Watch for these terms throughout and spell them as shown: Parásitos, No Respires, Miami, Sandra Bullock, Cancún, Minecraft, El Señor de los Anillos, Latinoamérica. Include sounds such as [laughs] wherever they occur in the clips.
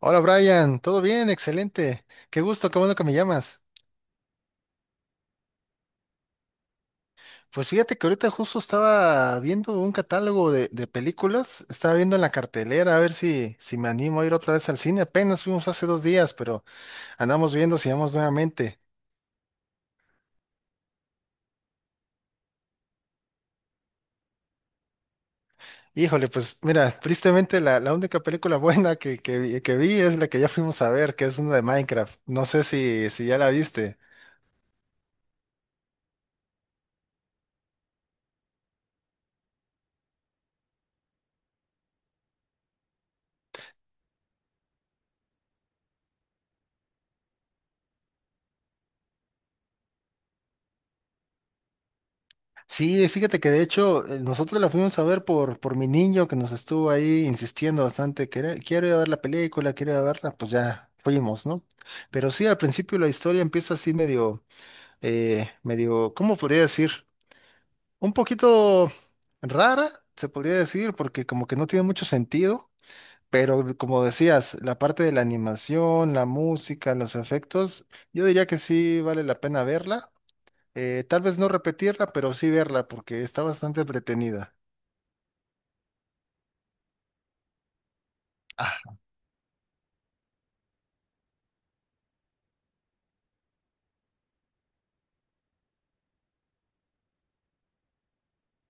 Hola Brian, ¿todo bien? Excelente. Qué gusto, qué bueno que me llamas. Pues fíjate que ahorita justo estaba viendo un catálogo de películas, estaba viendo en la cartelera a ver si me animo a ir otra vez al cine. Apenas fuimos hace dos días, pero andamos viendo si vamos nuevamente. Híjole, pues mira, tristemente la única película [laughs] buena que vi es la que ya fuimos a ver, que es una de Minecraft. No sé si ya la viste. Sí, fíjate que de hecho nosotros la fuimos a ver por mi niño que nos estuvo ahí insistiendo bastante, que quiero ir a ver la película, quiero ir a verla, pues ya fuimos, ¿no? Pero sí, al principio la historia empieza así medio, ¿cómo podría decir? Un poquito rara, se podría decir, porque como que no tiene mucho sentido, pero como decías, la parte de la animación, la música, los efectos, yo diría que sí vale la pena verla. Tal vez no repetirla, pero sí verla porque está bastante entretenida. Ah,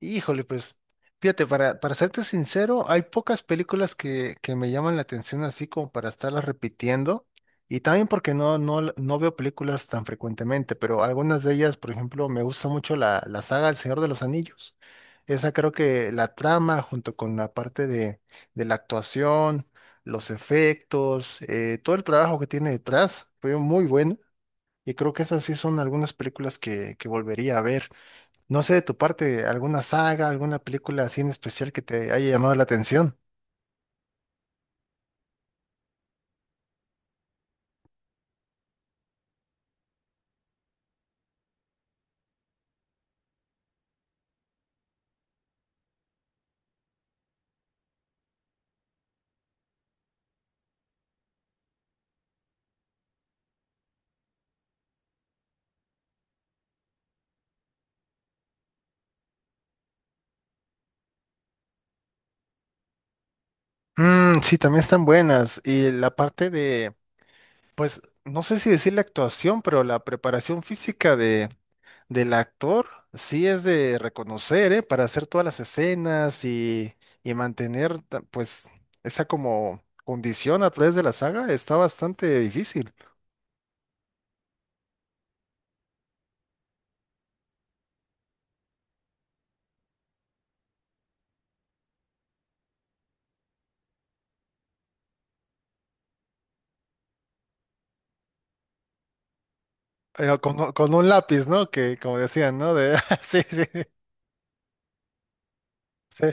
híjole, pues, fíjate, para serte sincero, hay pocas películas que me llaman la atención así como para estarlas repitiendo. Y también porque no veo películas tan frecuentemente, pero algunas de ellas, por ejemplo, me gusta mucho la saga El Señor de los Anillos. Esa creo que la trama, junto con la parte de la actuación, los efectos, todo el trabajo que tiene detrás, fue muy bueno. Y creo que esas sí son algunas películas que volvería a ver. No sé de tu parte, alguna saga, alguna película así en especial que te haya llamado la atención. Mm, sí, también están buenas. Y la parte de, pues, no sé si decir la actuación, pero la preparación física de, del actor sí es de reconocer, ¿eh? Para hacer todas las escenas y mantener, pues, esa como condición a través de la saga está bastante difícil. Con un lápiz, ¿no? Que como decían, ¿no? De, [laughs] sí.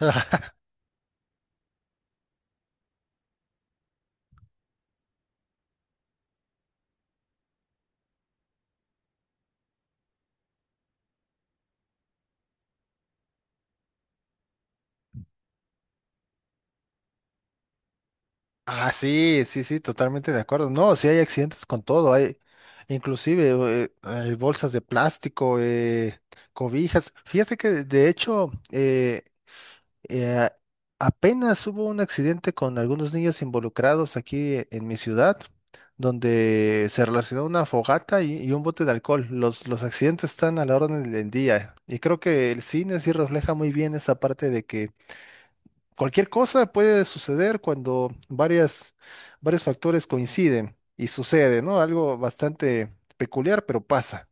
[laughs] Ah, sí, totalmente de acuerdo. No, sí hay accidentes con todo, hay inclusive hay bolsas de plástico, cobijas. Fíjate que de hecho, Eh, apenas hubo un accidente con algunos niños involucrados aquí en mi ciudad, donde se relacionó una fogata y un bote de alcohol. Los accidentes están a la orden del día y creo que el cine sí refleja muy bien esa parte de que cualquier cosa puede suceder cuando varios factores coinciden y sucede, ¿no? Algo bastante peculiar, pero pasa.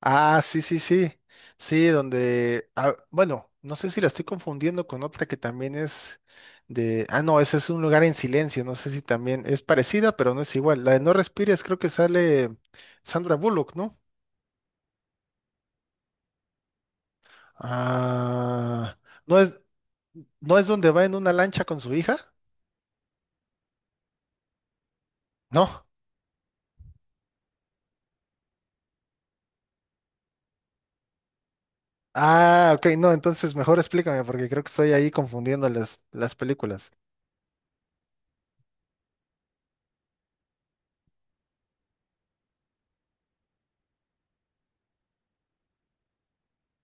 Ah, sí, sí, sí. Sí, donde. Ah, bueno, no sé si la estoy confundiendo con otra que también es de. Ah, no, ese es un lugar en silencio. No sé si también es parecida, pero no es igual. La de No Respires, creo que sale Sandra Bullock, ¿no? Ah. No es, no es donde va en una lancha con su hija, ¿no? Ah, ok, no, entonces mejor explícame, porque creo que estoy ahí confundiendo las películas.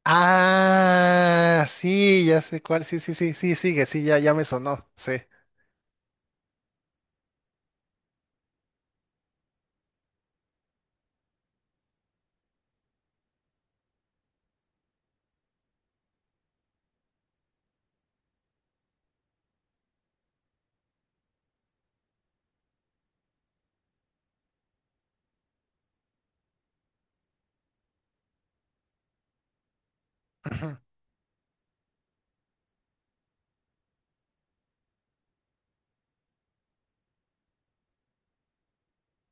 Ah, sí, ya sé cuál. Sí, sí, sí, sí, sigue, sí, ya, ya me sonó. Sí. Ujú.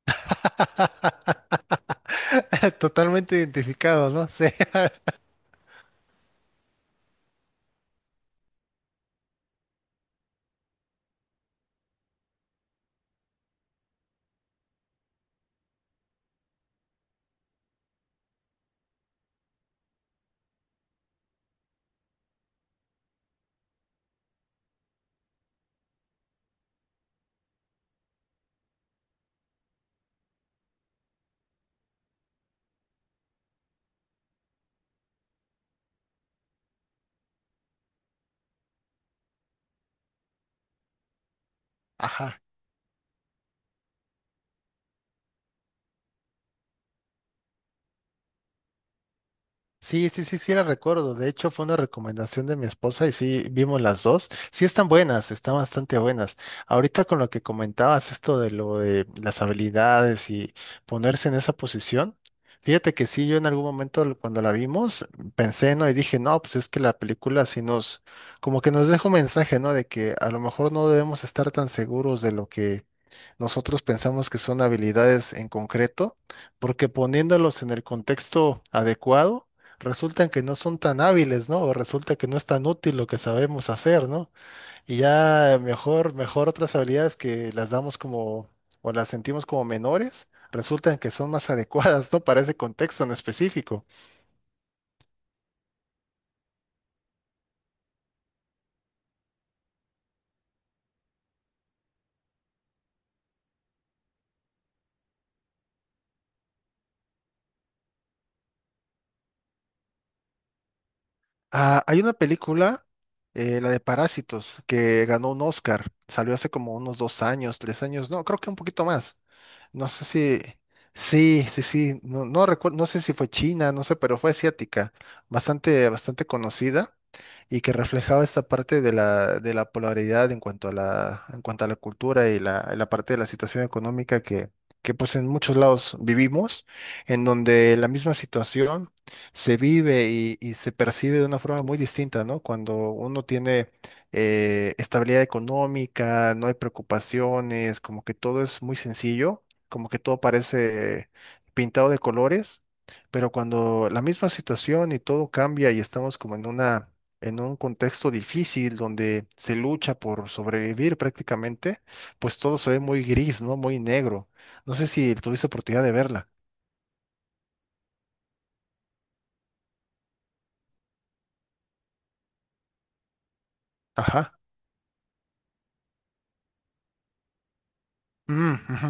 [laughs] Totalmente identificado, ¿no? Sí. [laughs] Ajá. Sí, sí, sí, sí, la recuerdo. De hecho, fue una recomendación de mi esposa y sí, vimos las dos. Sí, están buenas, están bastante buenas. Ahorita con lo que comentabas, esto de lo de las habilidades y ponerse en esa posición, fíjate que sí, yo en algún momento cuando la vimos, pensé, ¿no? Y dije, no, pues es que la película sí nos, como que nos deja un mensaje, ¿no? De que a lo mejor no debemos estar tan seguros de lo que nosotros pensamos que son habilidades en concreto, porque poniéndolos en el contexto adecuado, resultan que no son tan hábiles, ¿no? O resulta que no es tan útil lo que sabemos hacer, ¿no? Y ya mejor otras habilidades que las damos como, o las sentimos como menores, resultan que son más [laughs] adecuadas, ¿no? Para ese contexto en específico. Ah, hay una película, la de Parásitos, que ganó un Oscar, salió hace como unos dos años, tres años, no, creo que un poquito más. No sé si, sí, sí, sí, no, no recuerdo, no sé si fue China, no sé, pero fue asiática, bastante conocida y que reflejaba esta parte de la polaridad en cuanto a la cultura y la parte de la situación económica que pues en muchos lados vivimos, en donde la misma situación se vive y se percibe de una forma muy distinta, ¿no? Cuando uno tiene estabilidad económica, no hay preocupaciones, como que todo es muy sencillo, como que todo parece pintado de colores, pero cuando la misma situación y todo cambia y estamos como en un contexto difícil donde se lucha por sobrevivir prácticamente, pues todo se ve muy gris, ¿no? Muy negro. No sé si tuviste oportunidad de verla. Ajá. Mm, ujú.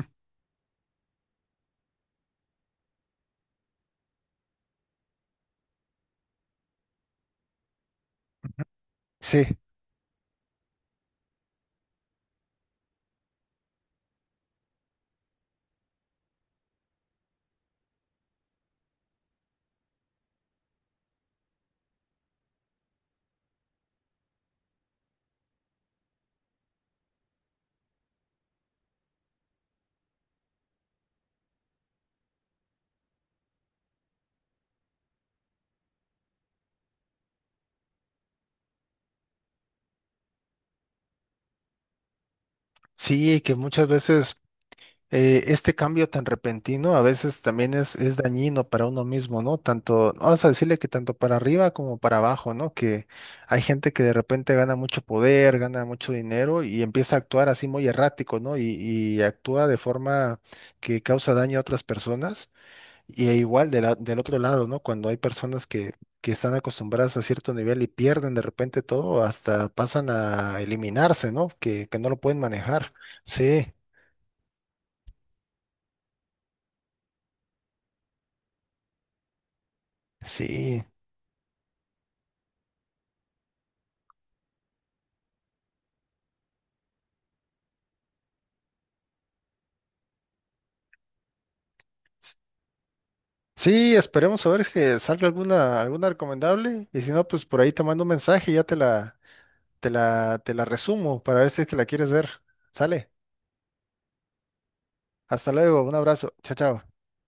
Sí, sí, que muchas veces este cambio tan repentino a veces también es dañino para uno mismo, ¿no? Tanto, vamos a decirle que tanto para arriba como para abajo, ¿no? Que hay gente que de repente gana mucho poder, gana mucho dinero y empieza a actuar así muy errático, ¿no? Y actúa de forma que causa daño a otras personas. Y e igual de del otro lado, ¿no? Cuando hay personas que están acostumbradas a cierto nivel y pierden de repente todo, hasta pasan a eliminarse, ¿no? Que no lo pueden manejar. Sí, sí. Sí, esperemos a ver si que salga alguna, alguna recomendable. Y si no, pues por ahí te mando un mensaje y ya te la resumo para ver si es que la quieres ver. Sale. Hasta luego. Un abrazo. Chao, chao.